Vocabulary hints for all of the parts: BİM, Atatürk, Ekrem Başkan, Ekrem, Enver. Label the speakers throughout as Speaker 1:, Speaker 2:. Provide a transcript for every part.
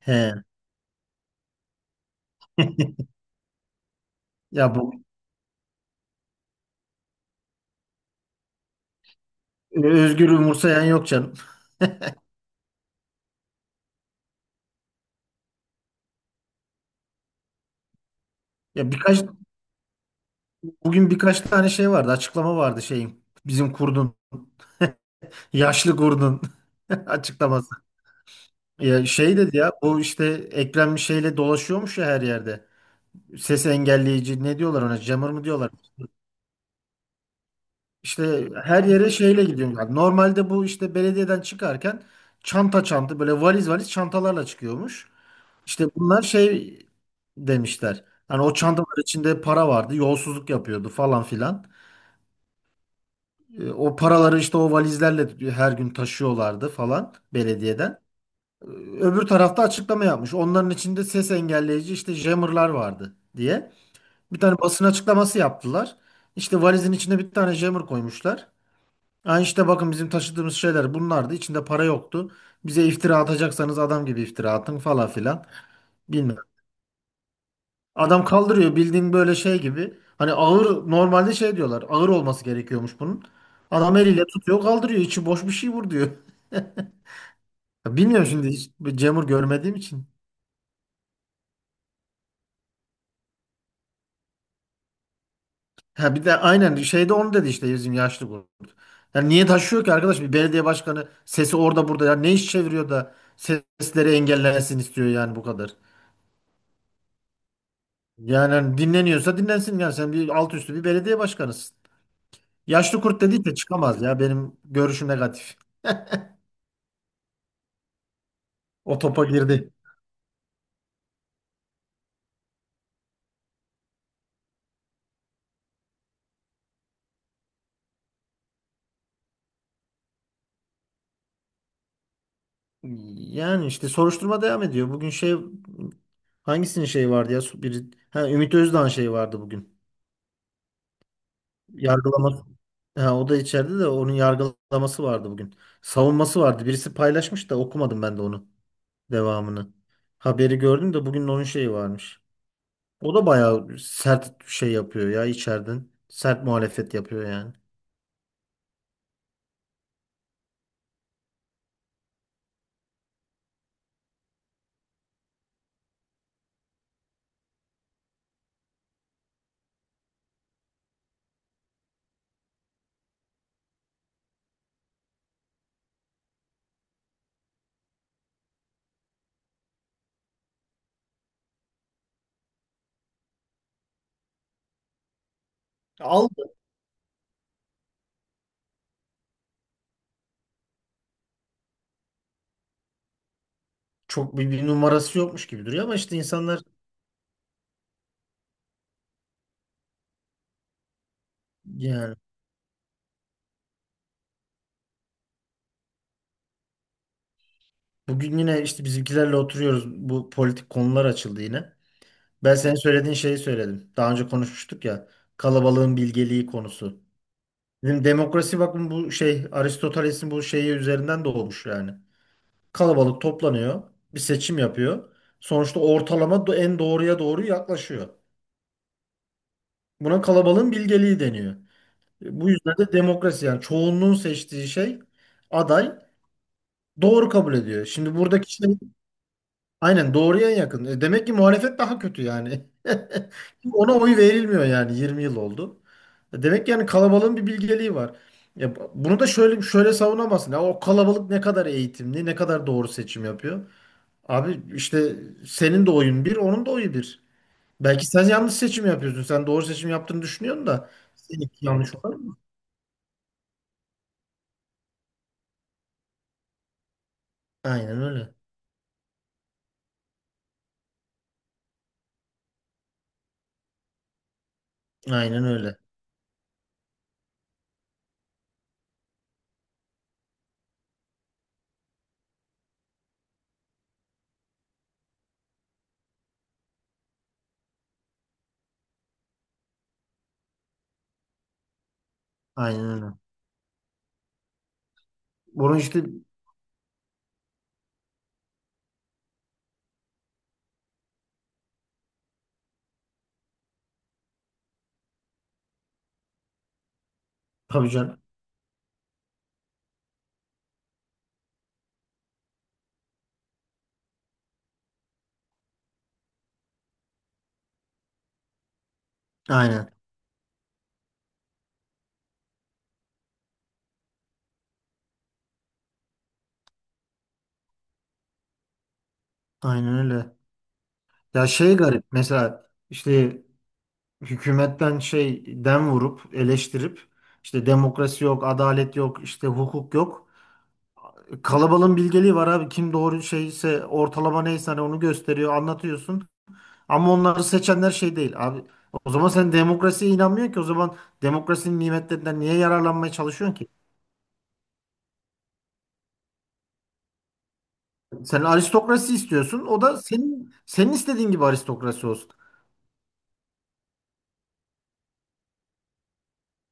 Speaker 1: He. Ya Özgür umursayan yok canım. Ya bugün birkaç tane şey vardı. Açıklama vardı şeyin. Bizim kurdun. Yaşlı kurdun. Açıklaması. Ya şey dedi ya bu işte Ekrem şeyle dolaşıyormuş ya her yerde. Ses engelleyici ne diyorlar ona? Jammer mı diyorlar? İşte her yere şeyle gidiyormuş. Yani normalde bu işte belediyeden çıkarken çanta çanta böyle valiz valiz çantalarla çıkıyormuş. İşte bunlar şey demişler. Hani o çantalar içinde para vardı, yolsuzluk yapıyordu falan filan. O paraları işte o valizlerle her gün taşıyorlardı falan belediyeden. E, Öbür tarafta açıklama yapmış. Onların içinde ses engelleyici işte jammerlar vardı diye. Bir tane basın açıklaması yaptılar. İşte valizin içine bir tane jammer koymuşlar. Yani işte bakın bizim taşıdığımız şeyler bunlardı. İçinde para yoktu. Bize iftira atacaksanız adam gibi iftira atın falan filan. Bilmem. Adam kaldırıyor bildiğin böyle şey gibi. Hani ağır normalde şey diyorlar. Ağır olması gerekiyormuş bunun. Adam eliyle tutuyor kaldırıyor. İçi boş bir şey vur diyor. Ya bilmiyorum şimdi hiç bir Cemur görmediğim için. Ha bir de aynen şeyde onu dedi işte bizim yaşlı kurt. Yani niye taşıyor ki arkadaş? Bir belediye başkanı sesi orada burada ya ne iş çeviriyor da sesleri engellensin istiyor yani, bu kadar. Yani hani dinleniyorsa dinlensin, yani sen bir alt üstü bir belediye başkanısın. Yaşlı kurt dediyse çıkamaz ya, benim görüşüm negatif. O topa girdi. Yani işte soruşturma devam ediyor. Bugün şey, hangisinin şeyi vardı ya? Ümit Özdağ'ın şeyi vardı bugün. Yargılaması. Ha, o da içeride, de onun yargılaması vardı bugün. Savunması vardı. Birisi paylaşmış da okumadım ben de onu. Devamını. Haberi gördüm de bugün onun şeyi varmış. O da bayağı sert şey yapıyor ya içeriden. Sert muhalefet yapıyor yani. Aldı. Çok bir numarası yokmuş gibi duruyor ama işte insanlar, yani. Bugün yine işte bizimkilerle oturuyoruz. Bu politik konular açıldı yine. Ben senin söylediğin şeyi söyledim. Daha önce konuşmuştuk ya. Kalabalığın bilgeliği konusu. Dedim demokrasi, bakın bu şey Aristoteles'in bu şeyi üzerinden doğmuş yani. Kalabalık toplanıyor. Bir seçim yapıyor. Sonuçta ortalama en doğruya doğru yaklaşıyor. Buna kalabalığın bilgeliği deniyor. Bu yüzden de demokrasi, yani çoğunluğun seçtiği şey, aday, doğru kabul ediyor. Şimdi buradaki şey, aynen doğruya yakın. E, demek ki muhalefet daha kötü yani. Ona oy verilmiyor yani. 20 yıl oldu. E, demek ki yani kalabalığın bir bilgeliği var. Ya bunu da şöyle şöyle savunamazsın. Ya o kalabalık ne kadar eğitimli, ne kadar doğru seçim yapıyor. Abi işte senin de oyun bir, onun da oyu bir. Belki sen yanlış seçim yapıyorsun. Sen doğru seçim yaptığını düşünüyorsun da seninki yanlış olan. Aynen öyle. Aynen öyle. Aynen öyle. Bunun işte, tabii canım. Aynen. Aynen öyle. Ya şey garip mesela, işte hükümetten şey dem vurup eleştirip işte demokrasi yok, adalet yok, işte hukuk yok. Kalabalığın bilgeliği var abi. Kim doğru şeyse, ortalama neyse, hani onu gösteriyor, anlatıyorsun. Ama onları seçenler şey değil abi. O zaman sen demokrasiye inanmıyorsun ki, o zaman demokrasinin nimetlerinden niye yararlanmaya çalışıyorsun ki? Sen aristokrasi istiyorsun. O da senin istediğin gibi aristokrasi olsun.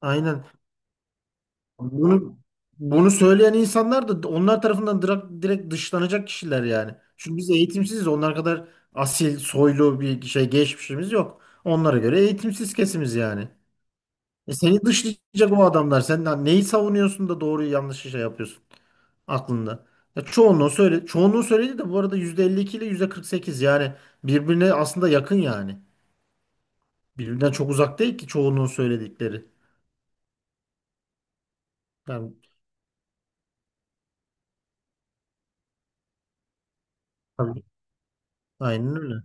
Speaker 1: Aynen. Bunu bunu söyleyen insanlar da onlar tarafından direkt, direkt dışlanacak kişiler yani. Çünkü biz eğitimsiziz. Onlar kadar asil, soylu bir şey geçmişimiz yok. Onlara göre eğitimsiz kesimiz yani. Seni dışlayacak o adamlar. Sen lan neyi savunuyorsun da doğruyu yanlışı şey yapıyorsun aklında. Ya çoğunluğu söyle, çoğunluğu söyledi de bu arada %52 ile %48 yani birbirine aslında yakın yani. Birbirinden çok uzak değil ki çoğunluğun söyledikleri. Yani, tabii, aynen öyle.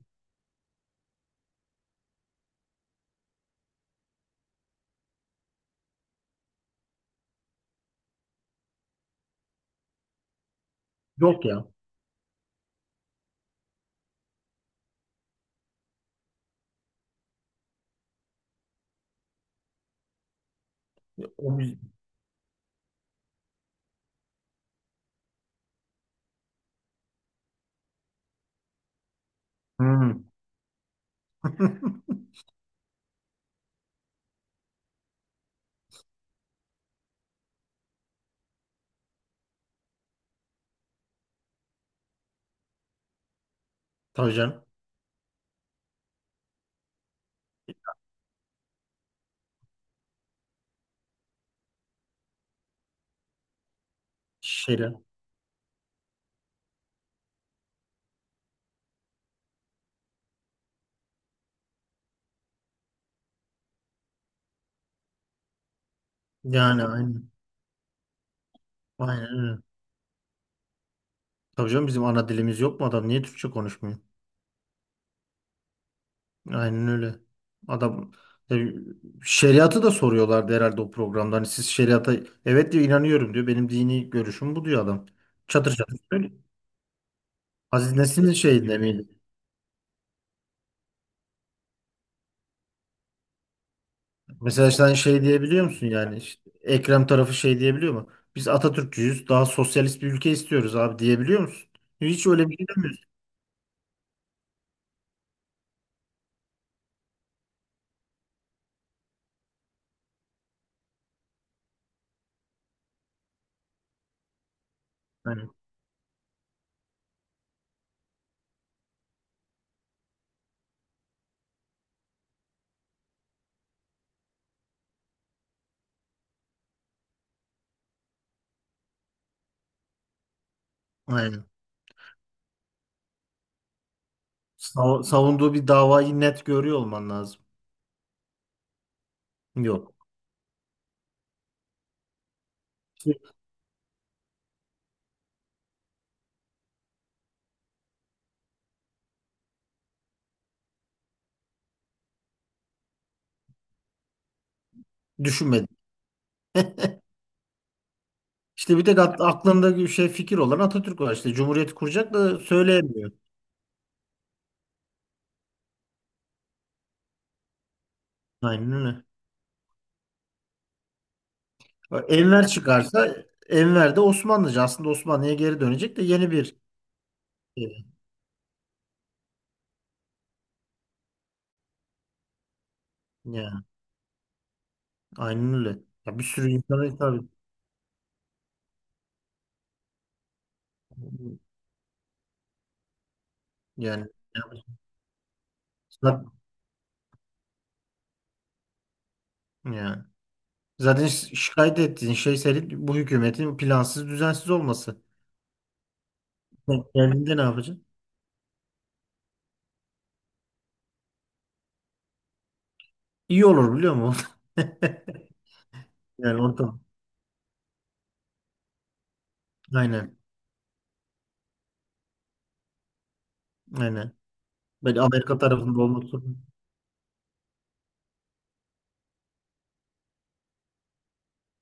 Speaker 1: Yok ya. O, hmm. Tabii canım. Şeyle. Yani aynen. Aynen öyle. Tabii canım, bizim ana dilimiz yok mu adam? Niye Türkçe konuşmuyor? Aynen öyle. Adam e, şeriatı da soruyorlardı herhalde o programda. Hani siz şeriata, evet diyor, inanıyorum diyor. Benim dini görüşüm bu diyor adam. Çatır çatır söylüyor. Aziz Nesin'in şeyinde miydi? Mesela sen şey diyebiliyor musun yani? İşte Ekrem tarafı şey diyebiliyor mu? Biz Atatürkçüyüz. Daha sosyalist bir ülke istiyoruz abi, diyebiliyor musun? Hiç öyle bir şey demiyorsun. Aynen. Aynen. Savunduğu bir davayı net görüyor olman lazım. Yok. İşte düşünmedi. İşte bir tek aklında bir şey, fikir olan Atatürk var. İşte Cumhuriyeti kuracak da söyleyemiyor. Aynen öyle. Enver çıkarsa, Enver de Osmanlıcı. Aslında Osmanlı'ya geri dönecek de yeni bir şey. Yani, aynen öyle. Ya bir sürü insana hitap ediyor. Yani, yani zaten, yani. Zaten şikayet ettiğin şey senin, bu hükümetin plansız düzensiz olması. Sen geldiğinde ne yapacaksın? İyi olur biliyor musun? Yani ortam. Aynen. Aynen. Böyle Amerika tarafında olmak zorunda.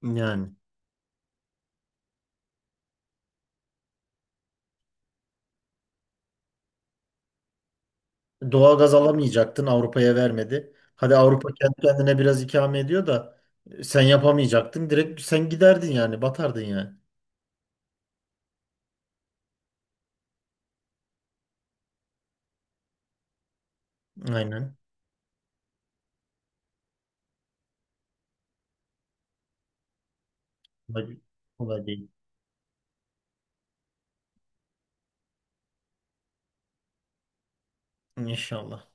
Speaker 1: Yani. Doğalgaz alamayacaktın. Avrupa'ya vermedi. Hadi Avrupa kendi kendine biraz ikame ediyor da sen yapamayacaktın. Direkt sen giderdin yani. Batardın yani. Aynen. Kolay, kolay değil. İnşallah.